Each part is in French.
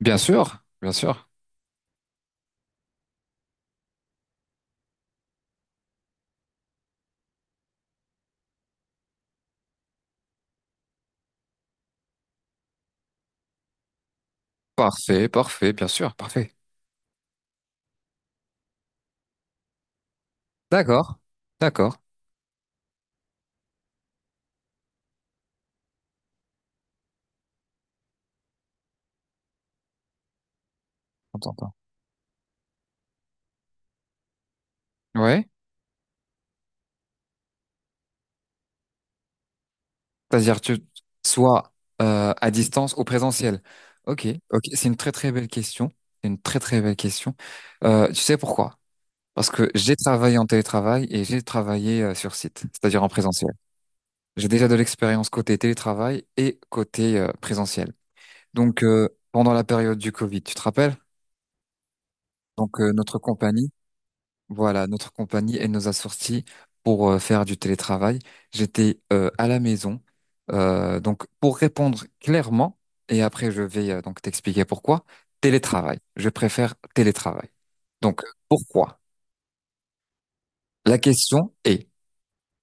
Bien sûr, bien sûr. Parfait, parfait, bien sûr, parfait. D'accord, d'accord. On t'entend. Ouais. C'est-à-dire tu soit à distance ou présentiel. Ok, ok. C'est une très très belle question. C'est une très très belle question. Tu sais pourquoi? Parce que j'ai travaillé en télétravail et j'ai travaillé sur site, c'est-à-dire en présentiel. J'ai déjà de l'expérience côté télétravail et côté présentiel. Donc pendant la période du Covid, tu te rappelles? Donc notre compagnie Voilà, notre compagnie, elle nous a sortis pour faire du télétravail. J'étais à la maison. Donc, pour répondre clairement, et après je vais donc t'expliquer pourquoi, télétravail. Je préfère télétravail. Donc, pourquoi? La question est,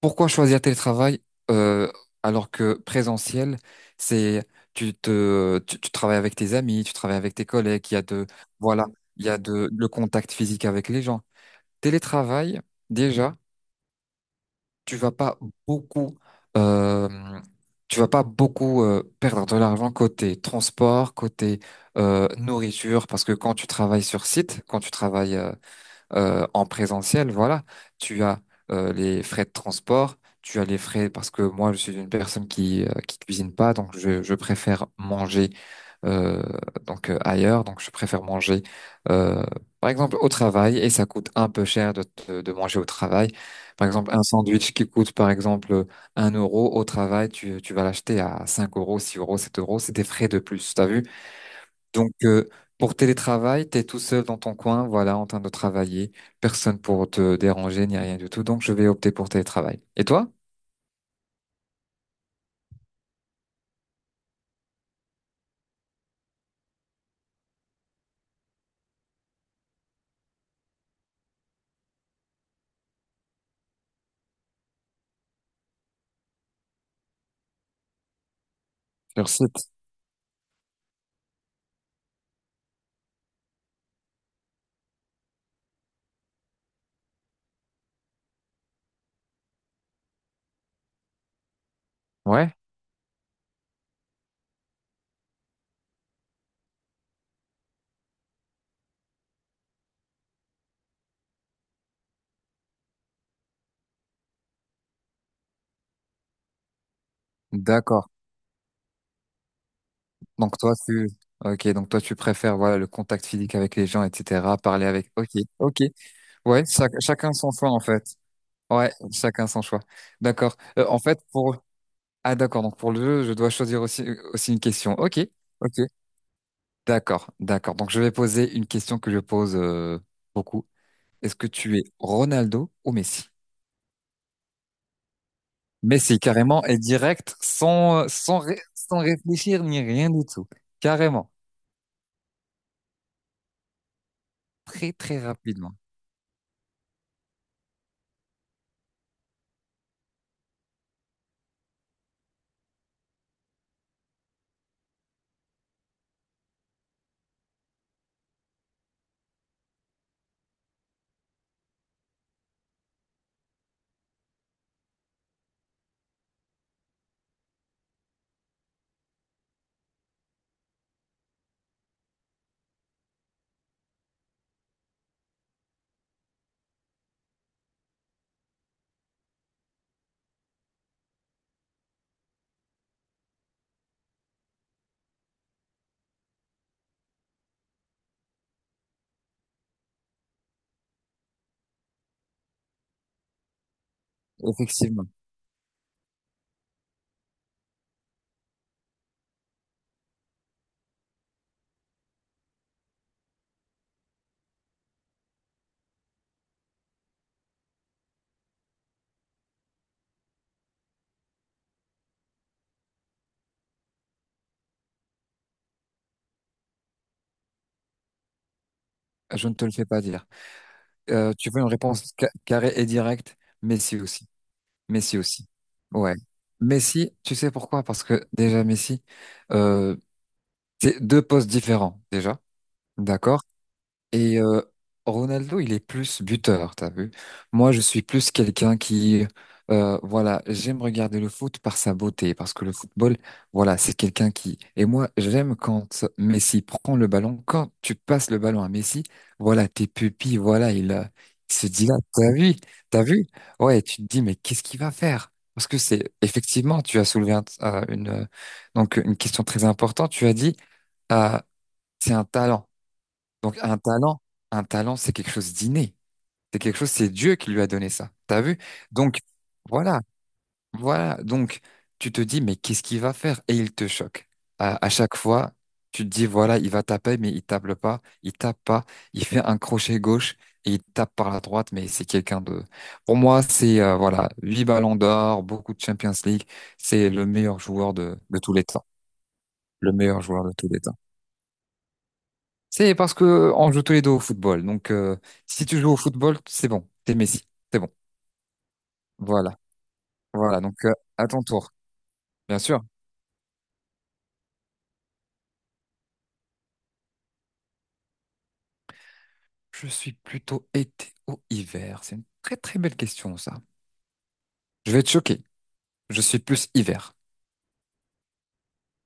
pourquoi choisir télétravail euh, alors que présentiel, c'est tu travailles avec tes amis, tu travailles avec tes collègues, il y a de voilà, il y a de le contact physique avec les gens. Télétravail, déjà. tu vas pas beaucoup euh, tu vas pas beaucoup perdre de l'argent côté transport, côté nourriture, parce que quand tu travailles sur site, quand tu travailles en présentiel, voilà, tu as les frais de transport, tu as les frais parce que moi, je suis une personne qui cuisine pas, donc je préfère manger euh, donc ailleurs, donc je préfère manger euh, par exemple au travail et ça coûte un peu cher de de manger au travail. Par exemple, un sandwich qui coûte par exemple 1 € au travail, tu vas l'acheter à 5 euros, 6 euros, 7 euros, c'est des frais de plus. T'as vu? Donc, pour télétravail, t'es tout seul dans ton coin, voilà, en train de travailler, personne pour te déranger ni rien du tout. Donc, je vais opter pour télétravail. Et toi? Sur site. Ouais, d'accord. Donc toi tu, ok, donc toi tu préfères voilà le contact physique avec les gens, etc. Parler avec, ok, ok. Ouais, chacun son choix en fait. Ouais, chacun son choix. D'accord. En fait pour, ah d'accord. Donc pour le jeu, je dois choisir aussi une question. Ok, ok. D'accord, d'accord. Donc je vais poser une question que je pose beaucoup. Est-ce que tu es Ronaldo ou Messi? Messi, carrément, et direct, sans réfléchir ni rien du tout. Carrément. Très, très rapidement. Effectivement. Je ne te le fais pas dire. Tu veux une réponse carrée et directe? Messi aussi. Messi aussi. Ouais. Messi, tu sais pourquoi? Parce que déjà, Messi, euh, c'est deux postes différents, déjà. D'accord? Et Ronaldo, il est plus buteur, t'as vu? Moi, je suis plus quelqu'un qui, voilà, j'aime regarder le foot par sa beauté, parce que le football, voilà, c'est quelqu'un qui... Et moi, j'aime quand Messi prend le ballon, quand tu passes le ballon à Messi, voilà, tes pupilles, voilà, il se dit là, t'as vu, t'as vu? Ouais, tu te dis, mais qu'est-ce qu'il va faire? Parce que c'est, effectivement, tu as soulevé une, donc, une question très importante, tu as dit, euh, c'est un talent. Donc un talent, c'est quelque chose d'inné. C'est quelque chose, c'est Dieu qui lui a donné ça. T'as vu? Donc voilà, voilà. Donc tu te dis, mais qu'est-ce qu'il va faire? Et il te choque. À chaque fois, tu te dis, voilà, il va taper, mais il tape pas, il tape pas, il fait un crochet gauche et il tape par la droite, mais c'est quelqu'un de. Pour moi, c'est voilà, huit ballons d'or, beaucoup de Champions League, c'est le meilleur joueur de tous les temps. Le meilleur joueur de tous les temps. C'est parce que on joue tous les deux au football. Donc, si tu joues au football, c'est bon. T'es Messi. C'est bon. Voilà. Voilà. Donc, à ton tour. Bien sûr. Je suis plutôt été ou hiver. C'est une très très belle question, ça. Je vais te choquer. Je suis plus hiver.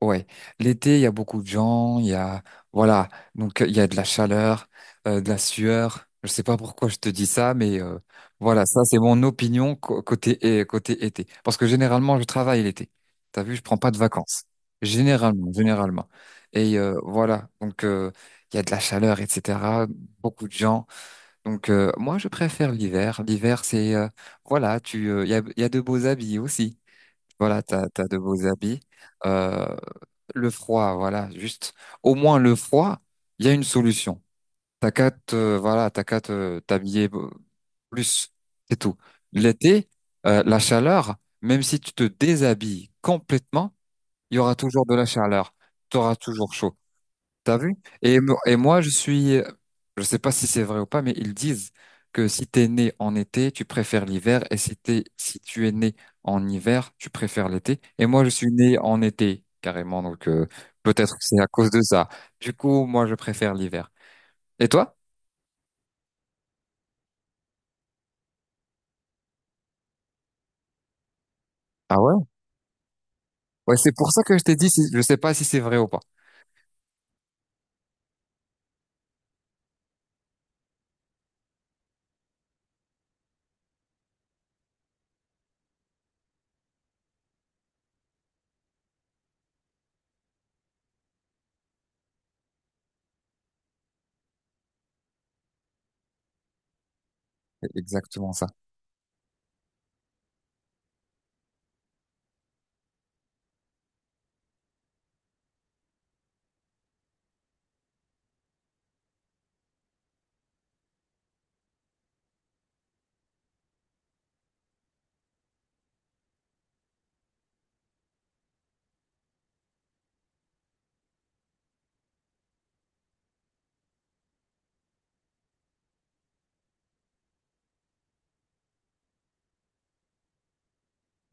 Ouais, l'été, il y a beaucoup de gens, il y a, voilà, donc il y a de la chaleur, de la sueur. Je sais pas pourquoi je te dis ça, mais voilà, ça c'est mon opinion côté été. Parce que généralement, je travaille l'été. T'as vu, je prends pas de vacances. Généralement, généralement. Et voilà, donc il y a de la chaleur, etc. Beaucoup de gens. Donc moi, je préfère l'hiver. L'hiver, c'est, voilà, il y a de beaux habits aussi. Voilà, t'as de beaux habits. Euh, le froid, voilà, juste au moins le froid, il y a une solution. T'as qu'à te, voilà, t'as qu'à t'habiller plus, c'est tout. L'été, la chaleur, même si tu te déshabilles complètement, il y aura toujours de la chaleur, tu auras toujours chaud. T'as vu? Et moi, je suis, je sais pas si c'est vrai ou pas, mais ils disent que si t'es né en été, tu préfères l'hiver, et si tu es né en hiver, tu préfères l'été. Et moi, je suis né en été, carrément, donc peut-être que c'est à cause de ça. Du coup, moi, je préfère l'hiver. Et toi? Ah ouais? Ouais, c'est pour ça que je t'ai dit, je sais pas si c'est vrai ou pas. C'est exactement ça.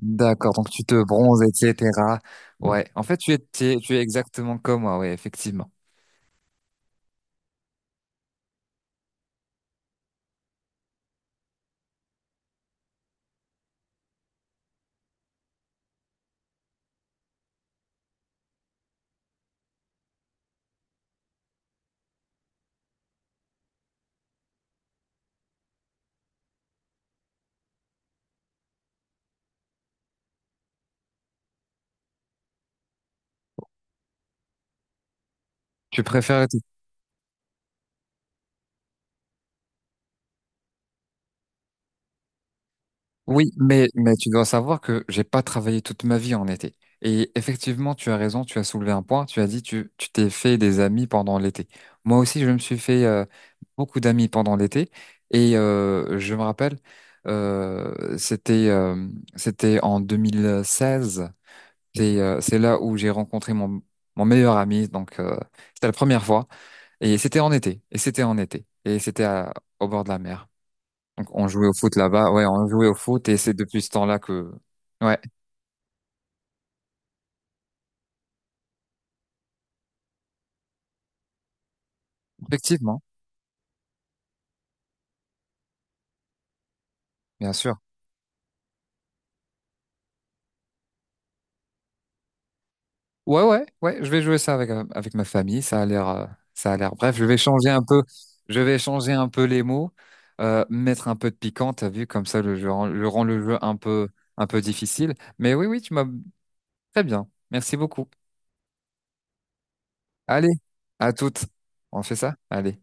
D'accord, donc tu te bronzes, etc. Ouais, en fait, tu es exactement comme moi, ouais, effectivement. Tu préfères. Oui, mais tu dois savoir que j'ai pas travaillé toute ma vie en été. Et effectivement, tu as raison, tu as soulevé un point, tu as dit tu t'es fait des amis pendant l'été. Moi aussi, je me suis fait beaucoup d'amis pendant l'été. Et je me rappelle, euh, c'était euh, c'était en 2016. C'est là où j'ai rencontré mon meilleur ami. Donc, c'était la première fois. Et c'était en été. Et c'était en été. Et c'était au bord de la mer. Donc on jouait au foot là-bas, ouais, on jouait au foot et c'est depuis ce temps-là que, ouais, effectivement, bien sûr. Ouais, ouais, ouais, je vais jouer ça avec ma famille. Ça a l'air. Bref, je vais changer un peu les mots, mettre un peu de piquant. T'as vu, comme ça, le jeu, je rends le jeu un peu difficile. Mais oui, oui, tu m'as très bien. Merci beaucoup. Allez, à toutes. On fait ça? Allez.